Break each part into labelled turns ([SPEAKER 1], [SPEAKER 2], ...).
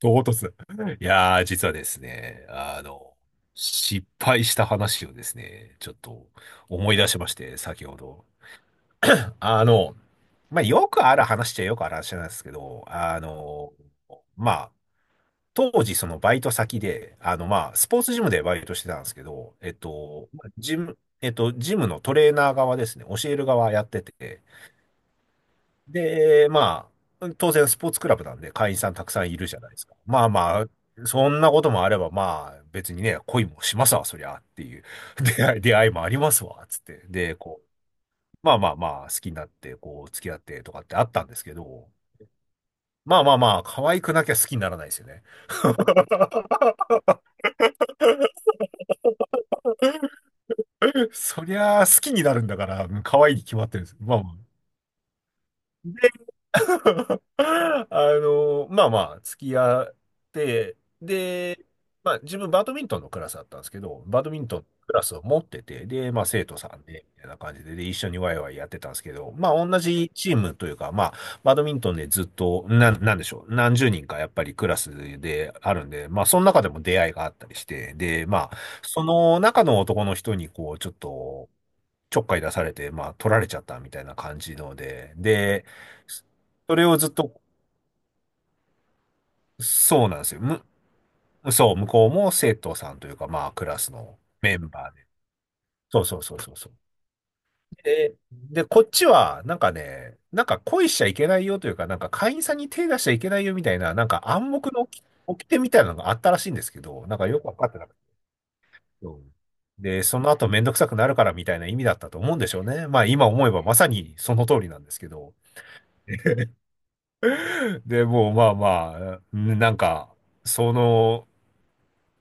[SPEAKER 1] 唐突。いやー、実はですね、失敗した話をですね、ちょっと思い出しまして、先ほど。あの、よくある話っちゃよくある話なんですけど、まあ、当時そのバイト先で、スポーツジムでバイトしてたんですけど、えっと、ジム、えっと、ジムのトレーナー側ですね、教える側やってて、で、まあ、当然スポーツクラブなんで会員さんたくさんいるじゃないですか。まあまあ、そんなこともあれば、まあ別にね、恋もしますわ、そりゃっていう 出会いもありますわ、つって。で、こう、まあまあまあ、好きになって、こう、付き合ってとかってあったんですけど、まあまあまあ、可愛くなきゃ好きにならないですよね。そりゃあ好きになるんだから、可愛いに決まってるんです。まあまあ。まあまあ、付き合って、で、まあ自分バドミントンのクラスだったんですけど、バドミントンのクラスを持ってて、で、まあ生徒さんで、みたいな感じで、で、一緒にワイワイやってたんですけど、まあ同じチームというか、まあ、バドミントンでずっと、なんでしょう、何十人かやっぱりクラスであるんで、まあその中でも出会いがあったりして、で、まあ、その中の男の人にこう、ちょっかい出されて、まあ、取られちゃったみたいな感じので、で、それをずっと、そうなんですよ。そう、向こうも生徒さんというか、まあ、クラスのメンバーで。そうそうそうそうそう。で、で、こっちは、なんかね、なんか恋しちゃいけないよというか、なんか会員さんに手出しちゃいけないよみたいな、なんか暗黙の起掟みたいなのがあったらしいんですけど、なんかよくわかってなくて。うん。で、その後めんどくさくなるからみたいな意味だったと思うんでしょうね。まあ今思えばまさにその通りなんですけど。で、もうまあまあ、ねなんか、その、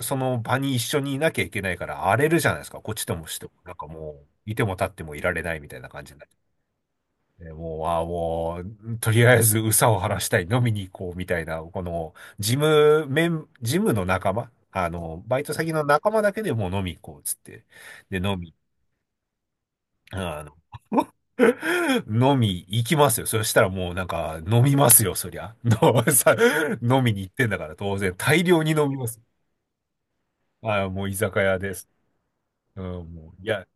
[SPEAKER 1] その場に一緒にいなきゃいけないから荒れるじゃないですか。こっちともしても。なんかもう、いても立ってもいられないみたいな感じになって。でもう、ああ、もう、とりあえず、憂さを晴らしたい、飲みに行こう、みたいな、この、ジムの仲間、バイト先の仲間だけでもう飲み行こう、つって。で、飲みあの 飲み行きますよ。そしたらもうなんか飲みますよ、そりゃ。のさ飲みに行ってんだから当然大量に飲みます。あー、もう居酒屋です。うん、もう、や、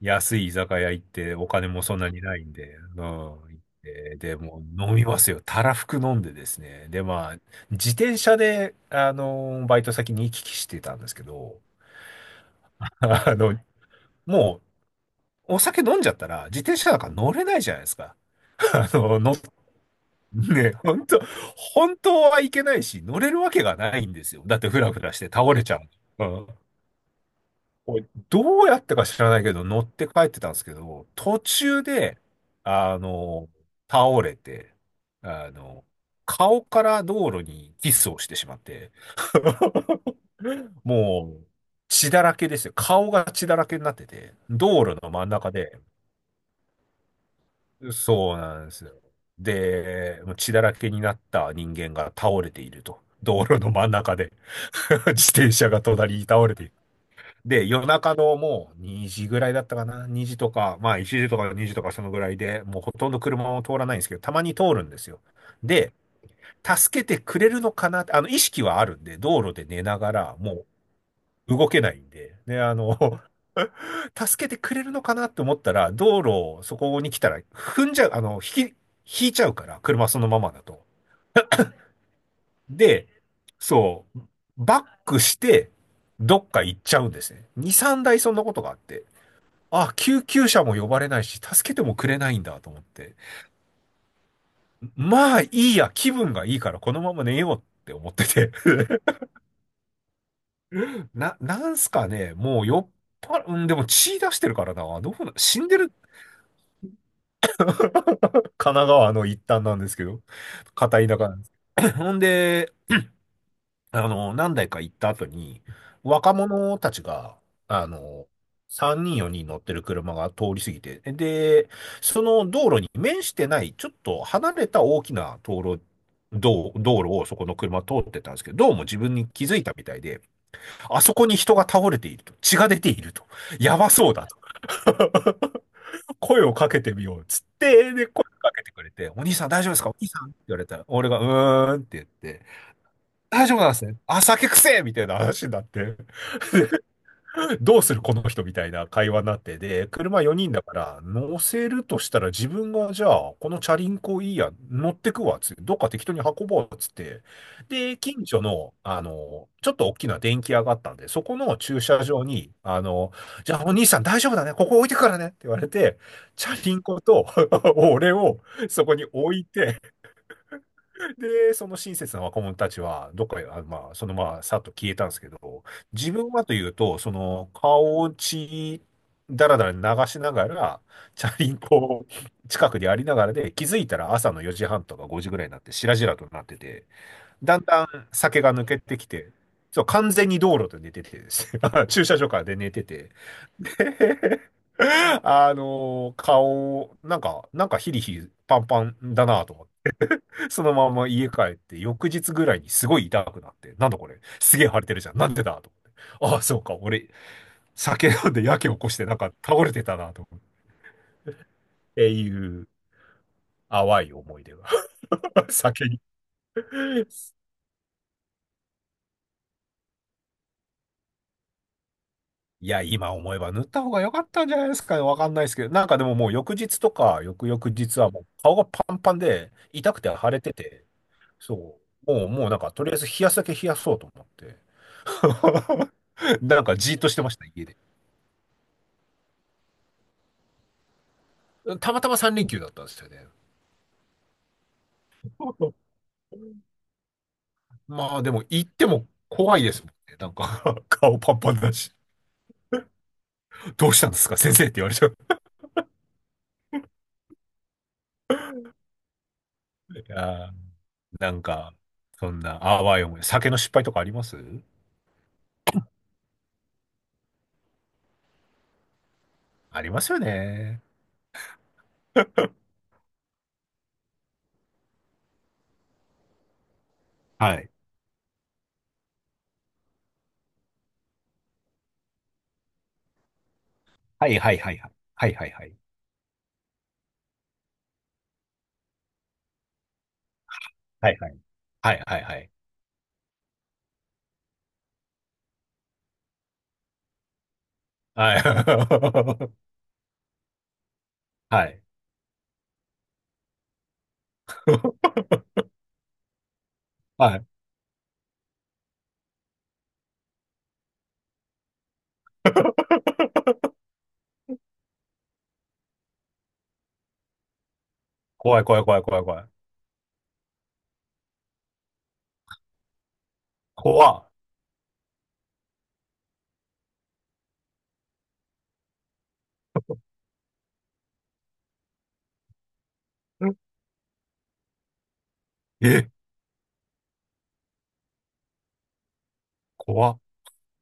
[SPEAKER 1] 安い居酒屋行ってお金もそんなにないんで、うん、行って、で、もう飲みますよ。たらふく飲んでですね。で、まあ、自転車で、バイト先に行き来してたんですけど、あの、もう、お酒飲んじゃったら、自転車なんか乗れないじゃないですか。あの、ね、本当はいけないし、乗れるわけがないんですよ。だってフラフラして倒れちゃう。うん、おいどうやってか知らないけど、乗って帰ってたんですけど、途中で、あの、倒れて、あの、顔から道路にキスをしてしまって、もう、血だらけですよ。顔が血だらけになってて、道路の真ん中で、そうなんですよ。で、もう血だらけになった人間が倒れていると。道路の真ん中で 自転車が隣に倒れている。で、夜中のもう2時ぐらいだったかな？ 2 時とか、まあ1時とか2時とかそのぐらいで、もうほとんど車も通らないんですけど、たまに通るんですよ。で、助けてくれるのかなって、意識はあるんで、道路で寝ながら、もう動けないんで、で、助けてくれるのかなって思ったら、道路をそこに来たら踏んじゃう、引いちゃうから、車そのままだと。で、そう、バックして、どっか行っちゃうんですね。2、3台そんなことがあって。あ、救急車も呼ばれないし、助けてもくれないんだと思って。まあいいや、気分がいいからこのまま寝ようって思ってて。なんすかね、もう酔っ払、うん、でも血出してるからな。どうな、死んでる、神奈川の一端なんですけど、片田舎なんです。ほんで、何台か行った後に、若者たちが、あの、3人4人乗ってる車が通り過ぎて、で、その道路に面してない、ちょっと離れた大きな道路、道路をそこの車通ってたんですけど、どうも自分に気づいたみたいで、あそこに人が倒れていると、血が出ていると、やばそうだと。声をかけてみようっつって、で、声をかけてくれて、お兄さん大丈夫ですかお兄さんって言われたら、俺がうーんって言って、大丈夫なんですね。あ、酒くせえみたいな話になって、どうするこの人みたいな会話になって、で、車4人だから、乗せるとしたら自分が、じゃあ、このチャリンコいいや、乗ってくわ、つって、どっか適当に運ぼう、つって。で、近所の、ちょっと大きな電気屋があったんで、そこの駐車場に、じゃあお兄さん大丈夫だね、ここ置いてくからね、って言われて、チャリンコと 俺をそこに置いて、で、その親切な若者たちは、どっかへ、あ、まあ、そのまま、さっと消えたんですけど、自分はというと、その、顔を血だらだら流しながら、チャリンコを近くにありながらで、気づいたら朝の4時半とか5時ぐらいになって、しらじらとなってて、だんだん酒が抜けてきて、そう、完全に道路で寝ててですね、駐車場からで寝てて、あの顔、なんか、なんかヒリヒリパンパンだなと思っそのまま家帰って、翌日ぐらいにすごい痛くなって、なんだこれ、すげえ腫れてるじゃん。なんでだと思って。ああ、そうか、俺、酒飲んでやけ起こして、なんか倒れてたな、と思って。っていう、淡い思い出が。酒に。いや、今思えば塗った方が良かったんじゃないですかね。わかんないですけど。なんかでももう翌日とか、翌々日はもう顔がパンパンで、痛くて腫れてて、そう。もう、もうなんか、とりあえず冷やすだけ冷やそうと思って。なんかじーっとしてました、家で。たまたま三連休だったんですよね。まあでも行っても怖いですもんね。なんか 顔パンパンだし。どうしたんですか先生って言われちゃって。あーなんか、そんな、あわよも、酒の失敗とかありますありますよね。はい。はいはいはいはい。はいはいはい。はいはい。はいはいはい。はい。はい。はい。怖い怖い怖い怖い怖い。怖っ。え、怖っ。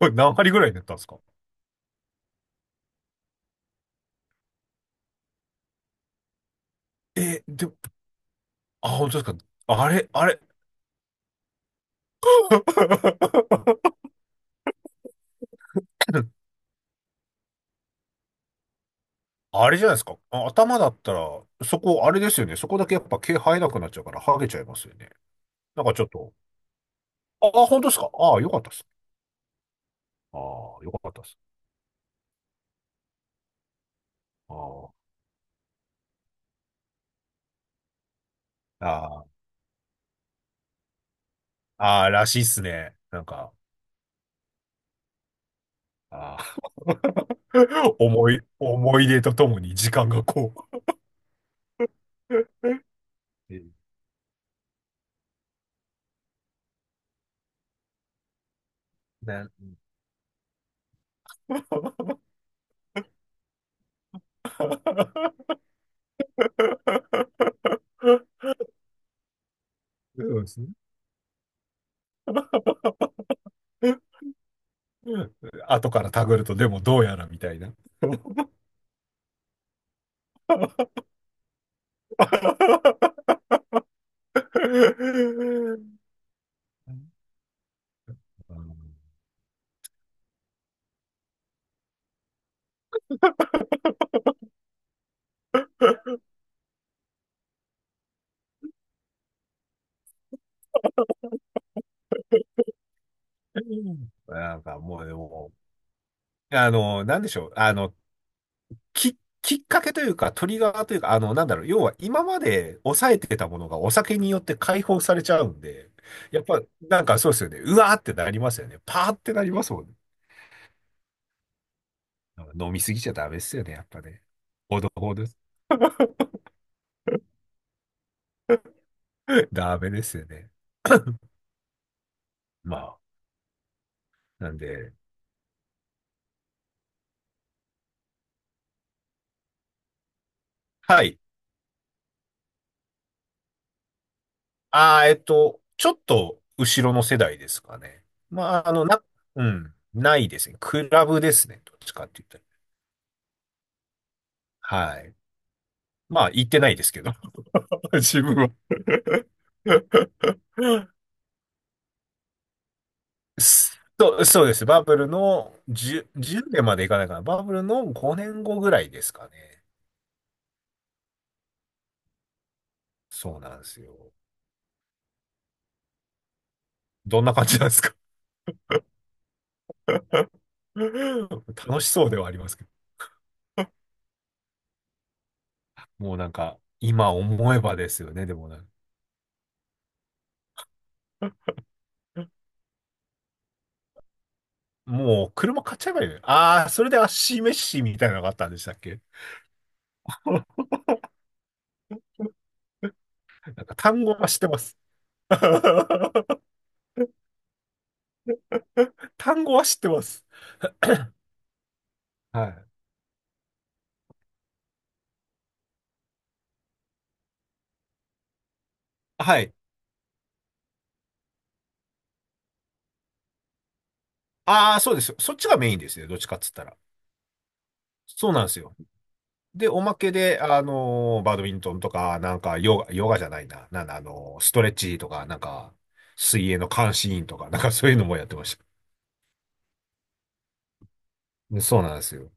[SPEAKER 1] これ何針ぐらい塗ったんですか？え、でも、あ、本当ですか。あれ、あれ。あれじゃないですか。あ、頭だったら、そこ、あれですよね。そこだけやっぱ毛生えなくなっちゃうから、ハゲちゃいますよね。なんかちょっと。あ、あ、本当ですか。ああ、よかったっす。ああ、よかったっす。ああ、ああ、ああらしいっすね。なんか、ああ。 思い出とともに時間がこう。えな、 そうですね。うん。後からたぐると、でもどうやらみたいな。うん。なんかもうでも、あの、なんでしょう。あの、き、きっかけというか、トリガーというか、あの、なんだろう。要は今まで抑えてたものがお酒によって解放されちゃうんで、やっぱ、なんかそうですよね。うわーってなりますよね。パーってなりますもんね。飲みすぎちゃダメですよね。やっぱね。ほどほどです。ダメですよね。まあ、なんで、はい。ああ、ちょっと後ろの世代ですかね。まあ、うん、ないですね。クラブですね。どっちかって言ったら。はい。まあ、行ってないですけど、自分は。そうです。バブルの10、年までいかないかな。バブルの5年後ぐらいですかね。そうなんですよ。どんな感じなんですか？ 楽しそうではありますけど。もうなんか、今思えばですよね、でもなんか。もう車買っちゃえばいいのよ。ああ、それで足飯みたいなのがあったんでしたっけ？ なんか単語は知ってます。単語は知ってます。はい。はい。ああ、そうですよ。そっちがメインですね。どっちかっつったら。そうなんですよ。で、おまけで、あのーバドミントンとか、なんか、ヨガ、ヨガじゃないな。なんだ、あのーストレッチとか、なんか、水泳の監視員とか、なんかそういうのもやってました。そうなんですよ。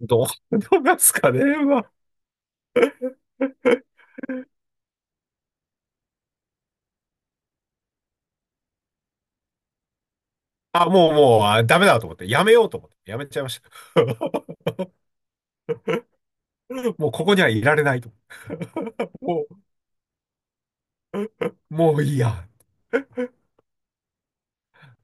[SPEAKER 1] どうなんですかね、まあ。あ、もう、もう、あ、ダメだと思って、やめようと思って、やめちゃいました。もうここにはいられないと思って。もう、もういいや。